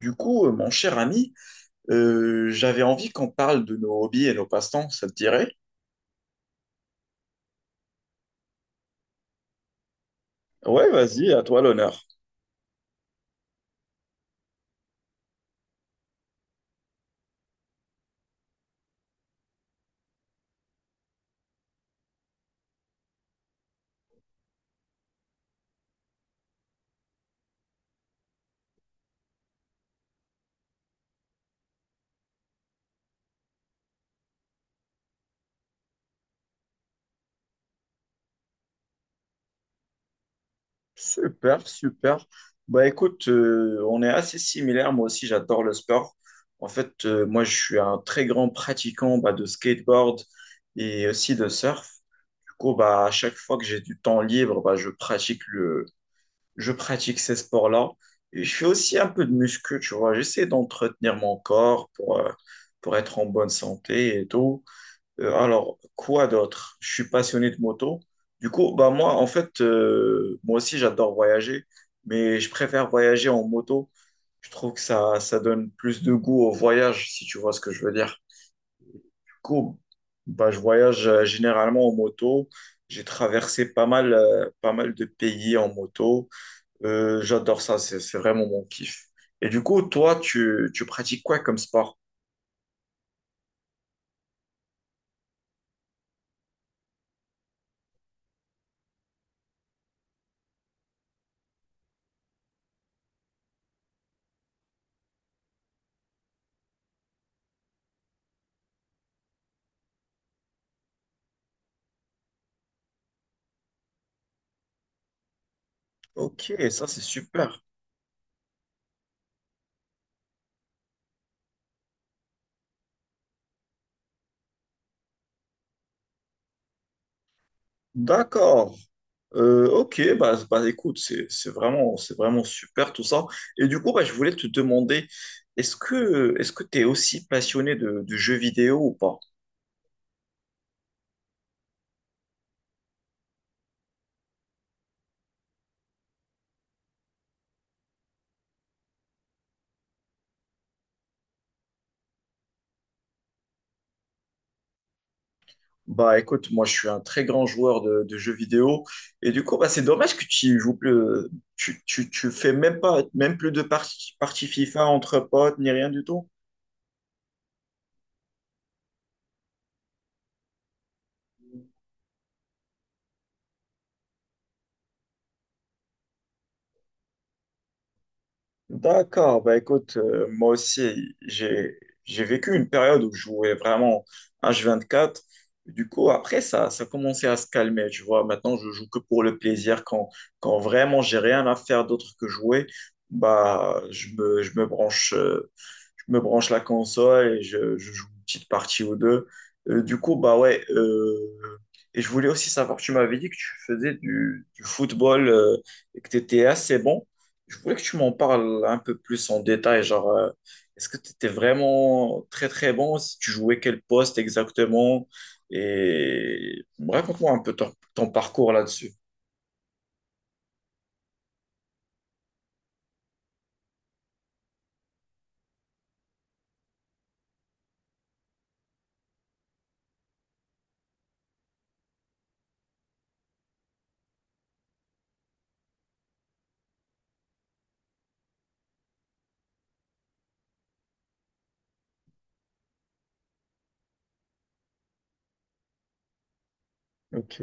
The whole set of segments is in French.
Du coup, mon cher ami, j'avais envie qu'on parle de nos hobbies et nos passe-temps, ça te dirait? Ouais, vas-y, à toi l'honneur. Super, super. Bah écoute, on est assez similaires. Moi aussi, j'adore le sport. En fait, moi, je suis un très grand pratiquant bah, de skateboard et aussi de surf. Du coup, bah, à chaque fois que j'ai du temps libre, bah, je pratique ces sports-là. Et je fais aussi un peu de muscu, tu vois. J'essaie d'entretenir mon corps pour être en bonne santé et tout. Alors, quoi d'autre? Je suis passionné de moto. Du coup, bah moi, en fait, moi aussi, j'adore voyager, mais je préfère voyager en moto. Je trouve que ça donne plus de goût au voyage, si tu vois ce que je veux dire. Du coup, bah, je voyage généralement en moto. J'ai traversé pas mal, pas mal de pays en moto. J'adore ça, c'est vraiment mon kiff. Et du coup, toi, tu pratiques quoi comme sport? Ok, ça c'est super. D'accord. Ok, bah, bah écoute, c'est, c'est vraiment super tout ça. Et du coup, bah, je voulais te demander, est-ce que tu es aussi passionné de jeux vidéo ou pas? Bah écoute, moi je suis un très grand joueur de jeux vidéo et du coup bah, c'est dommage que tu joues plus, tu fais même pas même plus de partie FIFA entre potes ni rien du tout. D'accord, bah écoute, moi aussi, j'ai vécu une période où je jouais vraiment h quatre. Du coup, après, ça commençait à se calmer, tu vois. Maintenant, je joue que pour le plaisir. Quand vraiment j'ai rien à faire d'autre que jouer, bah, je me branche la console et je joue une petite partie ou deux. Du coup, bah ouais, et je voulais aussi savoir, tu m'avais dit que tu faisais du football, et que tu étais assez bon. Je voulais que tu m'en parles un peu plus en détail, genre, est-ce que tu étais vraiment très très bon, si tu jouais quel poste exactement, et raconte-moi un peu ton, ton parcours là-dessus. Ok.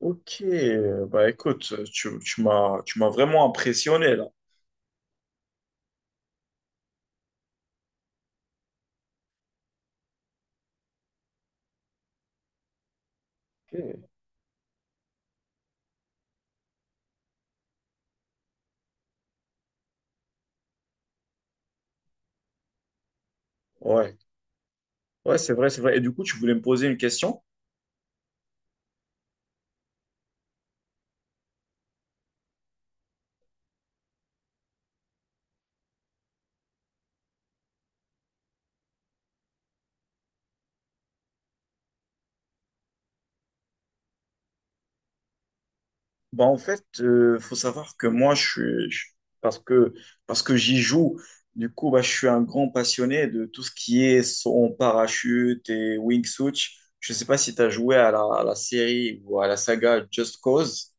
Ok, bah écoute, tu, tu m'as vraiment impressionné là. Ok. Ouais, ouais, c'est vrai, c'est vrai. Et du coup, tu voulais me poser une question? Bah, en fait, faut savoir que moi, je suis, je- parce que, parce que j'y joue, du coup, bah, je suis un grand passionné de tout ce qui est son parachute et wingsuit. Je ne sais pas si tu as joué à la série ou à la saga Just Cause.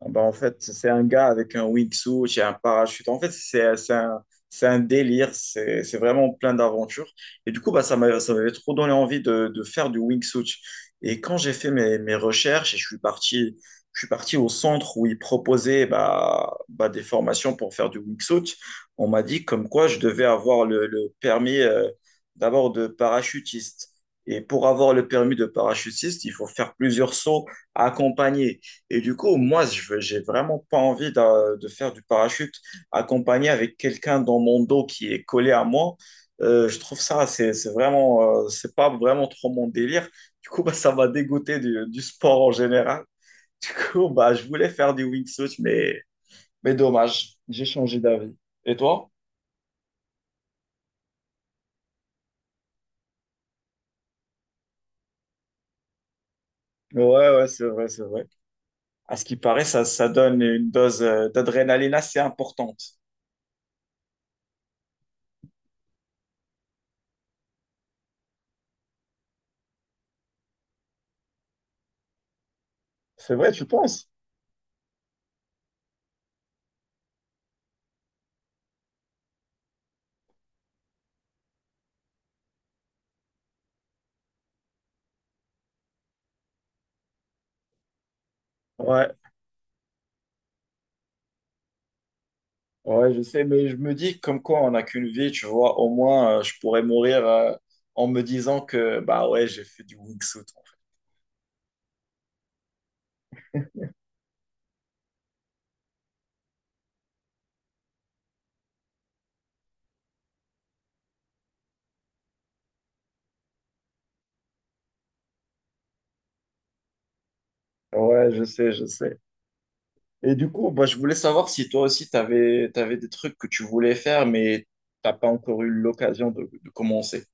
Ah bah, en fait, c'est un gars avec un wingsuit et un parachute. En fait, c'est un délire. C'est vraiment plein d'aventures. Et du coup, bah, ça m'avait trop donné envie de faire du wingsuit. Et quand j'ai fait mes, mes recherches et je suis parti au centre où ils proposaient bah, bah, des formations pour faire du wingsuit, on m'a dit comme quoi je devais avoir le permis d'abord de parachutiste. Et pour avoir le permis de parachutiste, il faut faire plusieurs sauts accompagnés. Et du coup, moi, j'ai vraiment pas envie de faire du parachute accompagné avec quelqu'un dans mon dos qui est collé à moi. Je trouve ça, c'est vraiment, c'est pas vraiment trop mon délire. Du coup, bah, ça m'a dégoûté du sport en général. Du coup, bah, je voulais faire du wingsuit, mais dommage, j'ai changé d'avis. Et toi? Ouais, ouais, c'est vrai, c'est vrai. À ce qui paraît, ça donne une dose d'adrénaline assez importante. C'est vrai, tu penses? Ouais. Ouais, je sais, mais je me dis comme quoi on n'a qu'une vie, tu vois, au moins je pourrais mourir en me disant que bah ouais, j'ai fait du wingsuit. Ouais, je sais, je sais. Et du coup, bah, je voulais savoir si toi aussi tu avais, des trucs que tu voulais faire, mais t'as pas encore eu l'occasion de commencer.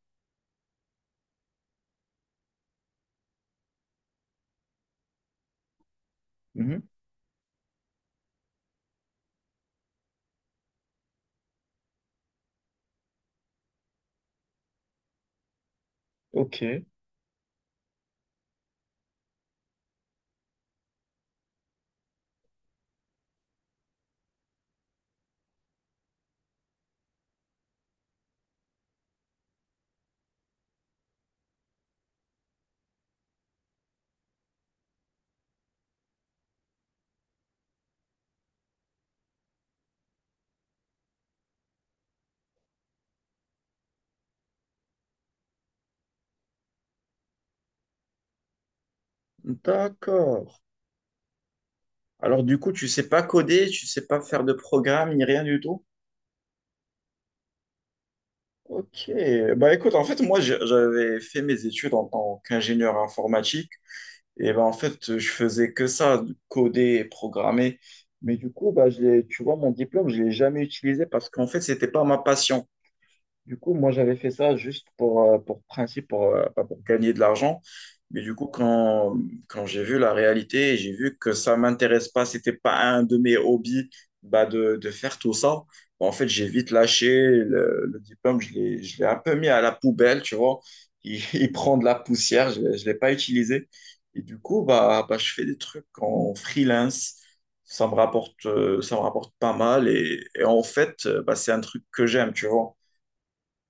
Mhm. Ok, d'accord. Alors du coup, tu sais pas coder, tu sais pas faire de programme, ni rien du tout? Ok, bah écoute, en fait, moi, j'avais fait mes études en tant qu'ingénieur informatique. Et ben, en fait, je faisais que ça, coder et programmer. Mais du coup, bah, tu vois, mon diplôme, je ne l'ai jamais utilisé parce qu'en fait, ce n'était pas ma passion. Du coup, moi, j'avais fait ça juste pour principe, pour, pas pour gagner de l'argent. Mais du coup, quand j'ai vu la réalité, j'ai vu que ça m'intéresse pas, c'était pas un de mes hobbies bah, de faire tout ça. Bah, en fait, j'ai vite lâché le diplôme, je l'ai un peu mis à la poubelle, tu vois. Il, il prend de la poussière, je l'ai pas utilisé. Et du coup, bah, bah, je fais des trucs en freelance. Ça me rapporte pas mal. Et en fait, bah, c'est un truc que j'aime, tu vois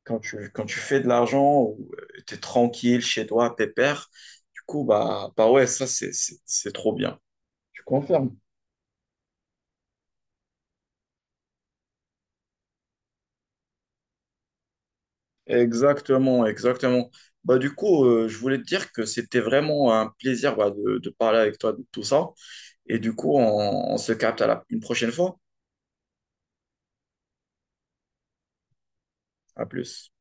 quand quand tu fais de l'argent ou tu es tranquille chez toi, pépère, du coup, bah, bah ouais, ça, c'est trop bien. Tu confirme. Exactement, exactement. Bah, du coup, je voulais te dire que c'était vraiment un plaisir bah, de parler avec toi de tout ça. Et du coup, on se capte à la, une prochaine fois. À plus.